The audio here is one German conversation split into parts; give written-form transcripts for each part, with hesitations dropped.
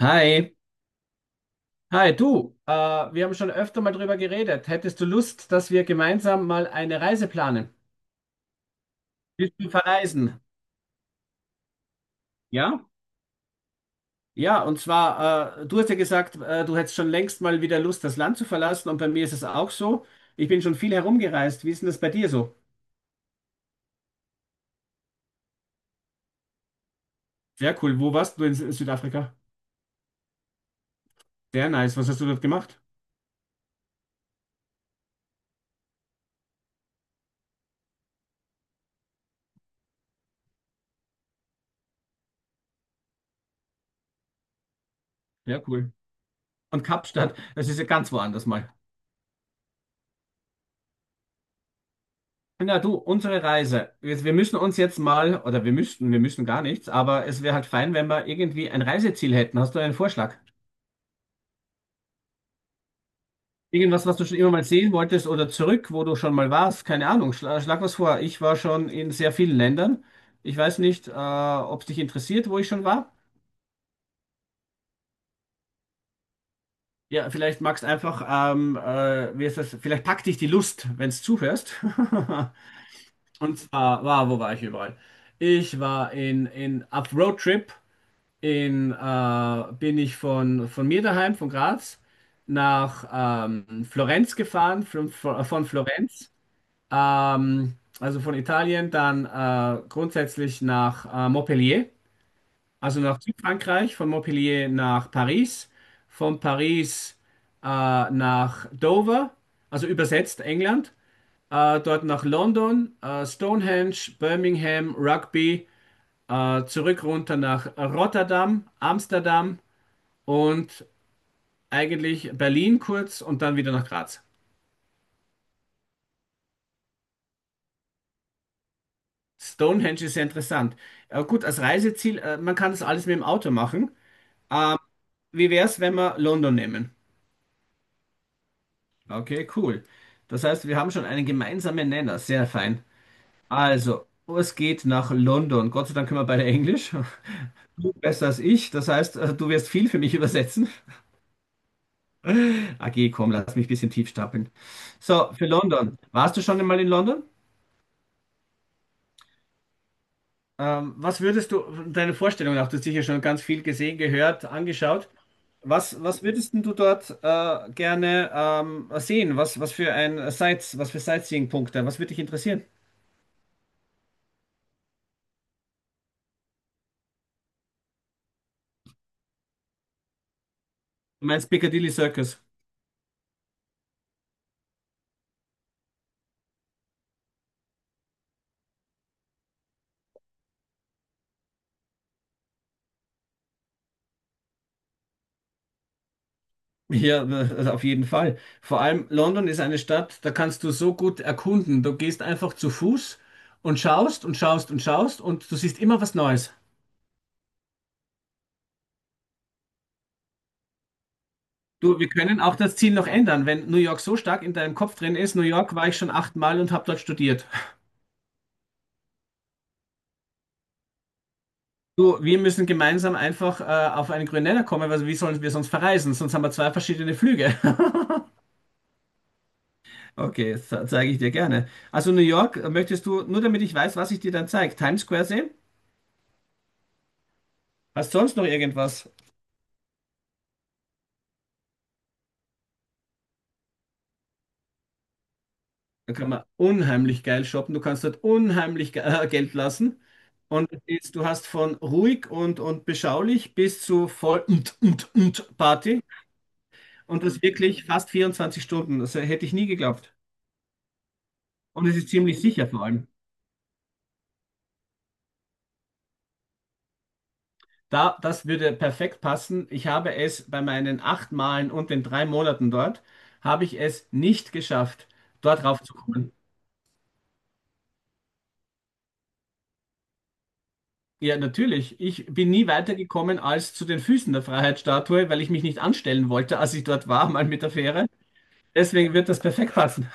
Hi, hi du. Wir haben schon öfter mal drüber geredet. Hättest du Lust, dass wir gemeinsam mal eine Reise planen? Willst du verreisen? Ja? Ja, und zwar, du hast ja gesagt, du hättest schon längst mal wieder Lust, das Land zu verlassen. Und bei mir ist es auch so. Ich bin schon viel herumgereist. Wie ist denn das bei dir so? Sehr cool. Wo warst du in Südafrika? Sehr nice. Was hast du dort gemacht? Sehr cool. Und Kapstadt, das ist ja ganz woanders mal. Na du, unsere Reise. Wir müssen uns jetzt mal, oder wir müssten, wir müssen gar nichts, aber es wäre halt fein, wenn wir irgendwie ein Reiseziel hätten. Hast du einen Vorschlag? Irgendwas, was du schon immer mal sehen wolltest oder zurück, wo du schon mal warst? Keine Ahnung, schlag was vor. Ich war schon in sehr vielen Ländern. Ich weiß nicht, ob es dich interessiert, wo ich schon war. Ja, vielleicht magst einfach, wie ist das? Vielleicht packt dich die Lust, wenn du zuhörst. Und zwar, wo war ich überall? Ich war in auf Roadtrip. Bin ich von, mir daheim, von Graz, nach Florenz gefahren, von, Florenz, also von Italien, dann grundsätzlich nach Montpellier, also nach Südfrankreich, von Montpellier nach Paris, von Paris nach Dover, also übersetzt England, dort nach London, Stonehenge, Birmingham, Rugby, zurück runter nach Rotterdam, Amsterdam, und eigentlich Berlin kurz und dann wieder nach Graz. Stonehenge ist sehr interessant. Gut, als Reiseziel, man kann das alles mit dem Auto machen. Wie wäre es, wenn wir London nehmen? Okay, cool. Das heißt, wir haben schon einen gemeinsamen Nenner. Sehr fein. Also, es geht nach London. Gott sei Dank können wir beide Englisch. Du besser als ich. Das heißt, du wirst viel für mich übersetzen. AG, komm, lass mich ein bisschen tief stapeln. So, für London. Warst du schon einmal in London? Was würdest du, deine Vorstellung nach, du hast sicher schon ganz viel gesehen, gehört, angeschaut. Was, was würdest denn du dort gerne sehen? Was, was für ein Sights, was für Sightseeing-Punkte? Was würde dich interessieren? Du meinst Piccadilly Circus? Ja, auf jeden Fall. Vor allem London ist eine Stadt, da kannst du so gut erkunden. Du gehst einfach zu Fuß und schaust und schaust und schaust und du siehst immer was Neues. Du, wir können auch das Ziel noch ändern, wenn New York so stark in deinem Kopf drin ist. New York war ich schon 8-mal und habe dort studiert. Du, wir müssen gemeinsam einfach auf einen grünen Nenner kommen, weil wie sollen wir sonst verreisen? Sonst haben wir zwei verschiedene Flüge. Okay, das zeige ich dir gerne. Also New York, möchtest du, nur damit ich weiß, was ich dir dann zeige, Times Square sehen? Hast du sonst noch irgendwas? Da kann man unheimlich geil shoppen. Du kannst dort unheimlich Geld lassen. Und es ist, du hast von ruhig und beschaulich bis zu voll und, und Party. Und das wirklich fast 24 Stunden. Das hätte ich nie geglaubt. Und es ist ziemlich sicher vor allem. Da, das würde perfekt passen. Ich habe es bei meinen 8 Malen und den 3 Monaten dort, habe ich es nicht geschafft, dort raufzukommen. Ja, natürlich. Ich bin nie weitergekommen als zu den Füßen der Freiheitsstatue, weil ich mich nicht anstellen wollte, als ich dort war, mal mit der Fähre. Deswegen wird das perfekt passen.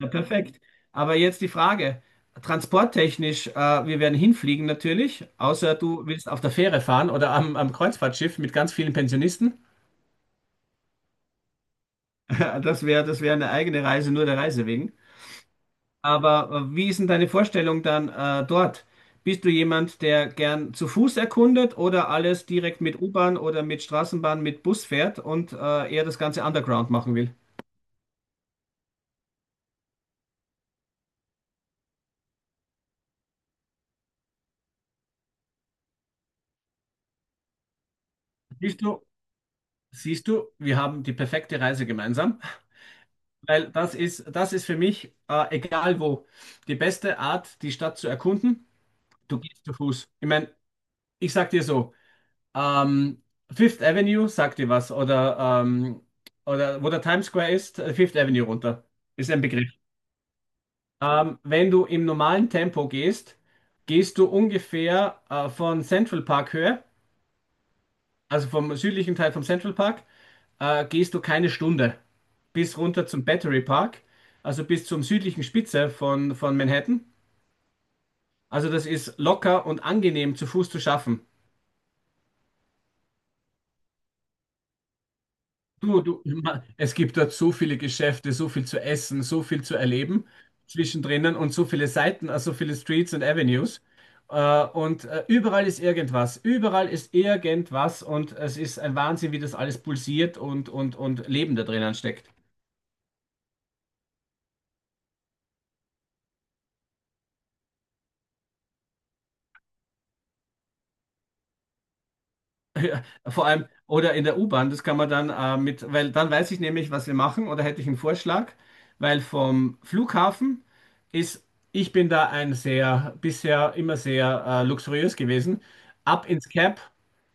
Ja, perfekt. Aber jetzt die Frage, transporttechnisch, wir werden hinfliegen natürlich, außer du willst auf der Fähre fahren oder am, am Kreuzfahrtschiff mit ganz vielen Pensionisten. Das wäre eine eigene Reise, nur der Reise wegen. Aber wie ist denn deine Vorstellung dann dort? Bist du jemand, der gern zu Fuß erkundet oder alles direkt mit U-Bahn oder mit Straßenbahn, mit Bus fährt und eher das Ganze underground machen will? Siehst du, siehst du, wir haben die perfekte Reise gemeinsam, weil das ist für mich, egal wo, die beste Art, die Stadt zu erkunden. Du gehst zu Fuß. Ich meine, ich sag dir so, Ähm, Fifth Avenue, sagt dir was? Oder wo der Times Square ist, Fifth Avenue runter. Ist ein Begriff. Wenn du im normalen Tempo gehst, gehst du ungefähr von Central Park Höhe, also vom südlichen Teil vom Central Park, gehst du keine Stunde bis runter zum Battery Park, also bis zum südlichen Spitze von, Manhattan. Also das ist locker und angenehm zu Fuß zu schaffen. Es gibt dort so viele Geschäfte, so viel zu essen, so viel zu erleben zwischendrin und so viele Seiten, also so viele Streets und Avenues. Und überall ist irgendwas und es ist ein Wahnsinn, wie das alles pulsiert und, und Leben da drinnen steckt. Ja, vor allem, oder in der U-Bahn, das kann man dann weil dann weiß ich nämlich, was wir machen, oder hätte ich einen Vorschlag, weil vom Flughafen ist, ich bin da ein sehr, bisher immer sehr luxuriös gewesen. Ab ins Cab,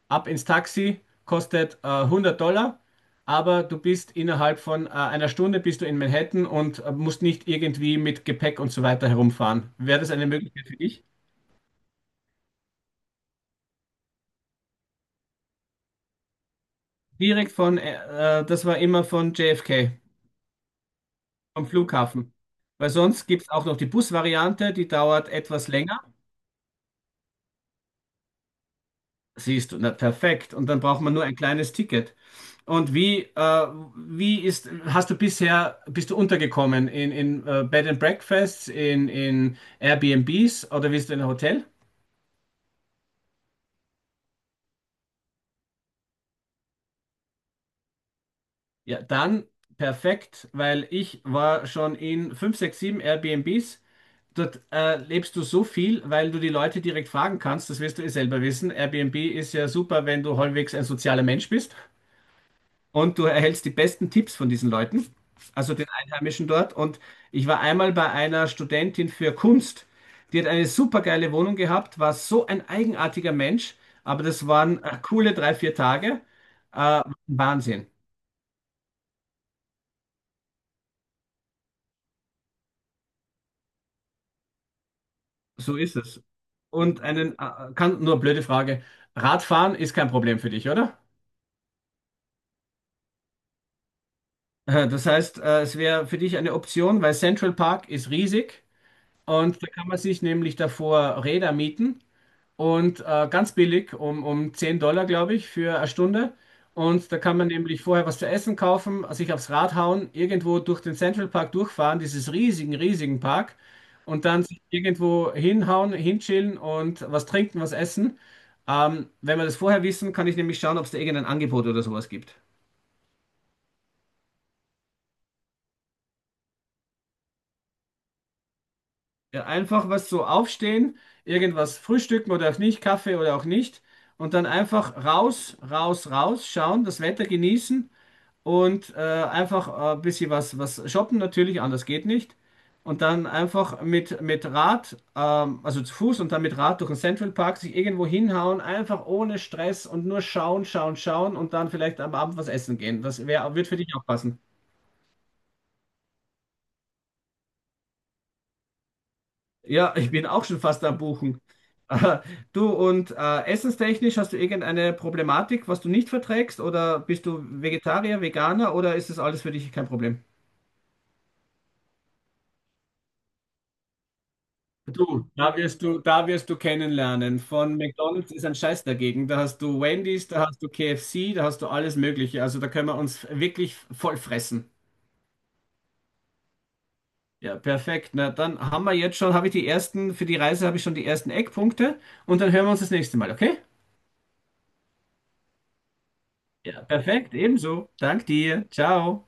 ab ins Taxi, kostet $100, aber du bist innerhalb von einer Stunde bist du in Manhattan und musst nicht irgendwie mit Gepäck und so weiter herumfahren. Wäre das eine Möglichkeit für dich? Direkt das war immer von JFK am Flughafen. Weil sonst gibt es auch noch die Busvariante, die dauert etwas länger. Siehst du, na perfekt. Und dann braucht man nur ein kleines Ticket. Und wie ist, hast du bisher, bist du untergekommen in Bed and Breakfasts, in Airbnbs oder bist du in einem Hotel? Ja, dann perfekt, weil ich war schon in 5, 6, 7 Airbnbs. Dort lebst du so viel, weil du die Leute direkt fragen kannst, das wirst du eh selber wissen. Airbnb ist ja super, wenn du halbwegs ein sozialer Mensch bist und du erhältst die besten Tipps von diesen Leuten, also den Einheimischen dort. Und ich war einmal bei einer Studentin für Kunst, die hat eine super geile Wohnung gehabt, war so ein eigenartiger Mensch, aber das waren coole drei, vier Tage. Äh, Wahnsinn, so ist es. Und nur blöde Frage, Radfahren ist kein Problem für dich, oder? Das heißt, es wäre für dich eine Option, weil Central Park ist riesig und da kann man sich nämlich davor Räder mieten und ganz billig, um 10 Dollar, glaube ich, für eine Stunde. Und da kann man nämlich vorher was zu essen kaufen, sich aufs Rad hauen, irgendwo durch den Central Park durchfahren, dieses riesigen, riesigen Park, und dann sich irgendwo hinhauen, hinchillen und was trinken, was essen. Wenn wir das vorher wissen, kann ich nämlich schauen, ob es da irgendein Angebot oder sowas gibt. Ja, einfach was so aufstehen, irgendwas frühstücken oder auch nicht, Kaffee oder auch nicht. Und dann einfach raus, raus, raus schauen, das Wetter genießen und einfach ein bisschen was, was shoppen natürlich, anders geht nicht. Und dann einfach mit Rad, also zu Fuß und dann mit Rad durch den Central Park sich irgendwo hinhauen, einfach ohne Stress und nur schauen, schauen, schauen und dann vielleicht am Abend was essen gehen. Das wär, wird für dich auch passen. Ja, ich bin auch schon fast am Buchen. Äh, Du und essenstechnisch hast du irgendeine Problematik, was du nicht verträgst? Oder bist du Vegetarier, Veganer oder ist das alles für dich kein Problem? Du, da wirst du, da wirst du kennenlernen. Von McDonald's ist ein Scheiß dagegen. Da hast du Wendy's, da hast du KFC, da hast du alles Mögliche. Also da können wir uns wirklich voll fressen. Ja, perfekt. Na, dann haben wir jetzt schon, habe ich die ersten, für die Reise habe ich schon die ersten Eckpunkte und dann hören wir uns das nächste Mal, okay? Ja, perfekt, ebenso. Dank dir. Ciao.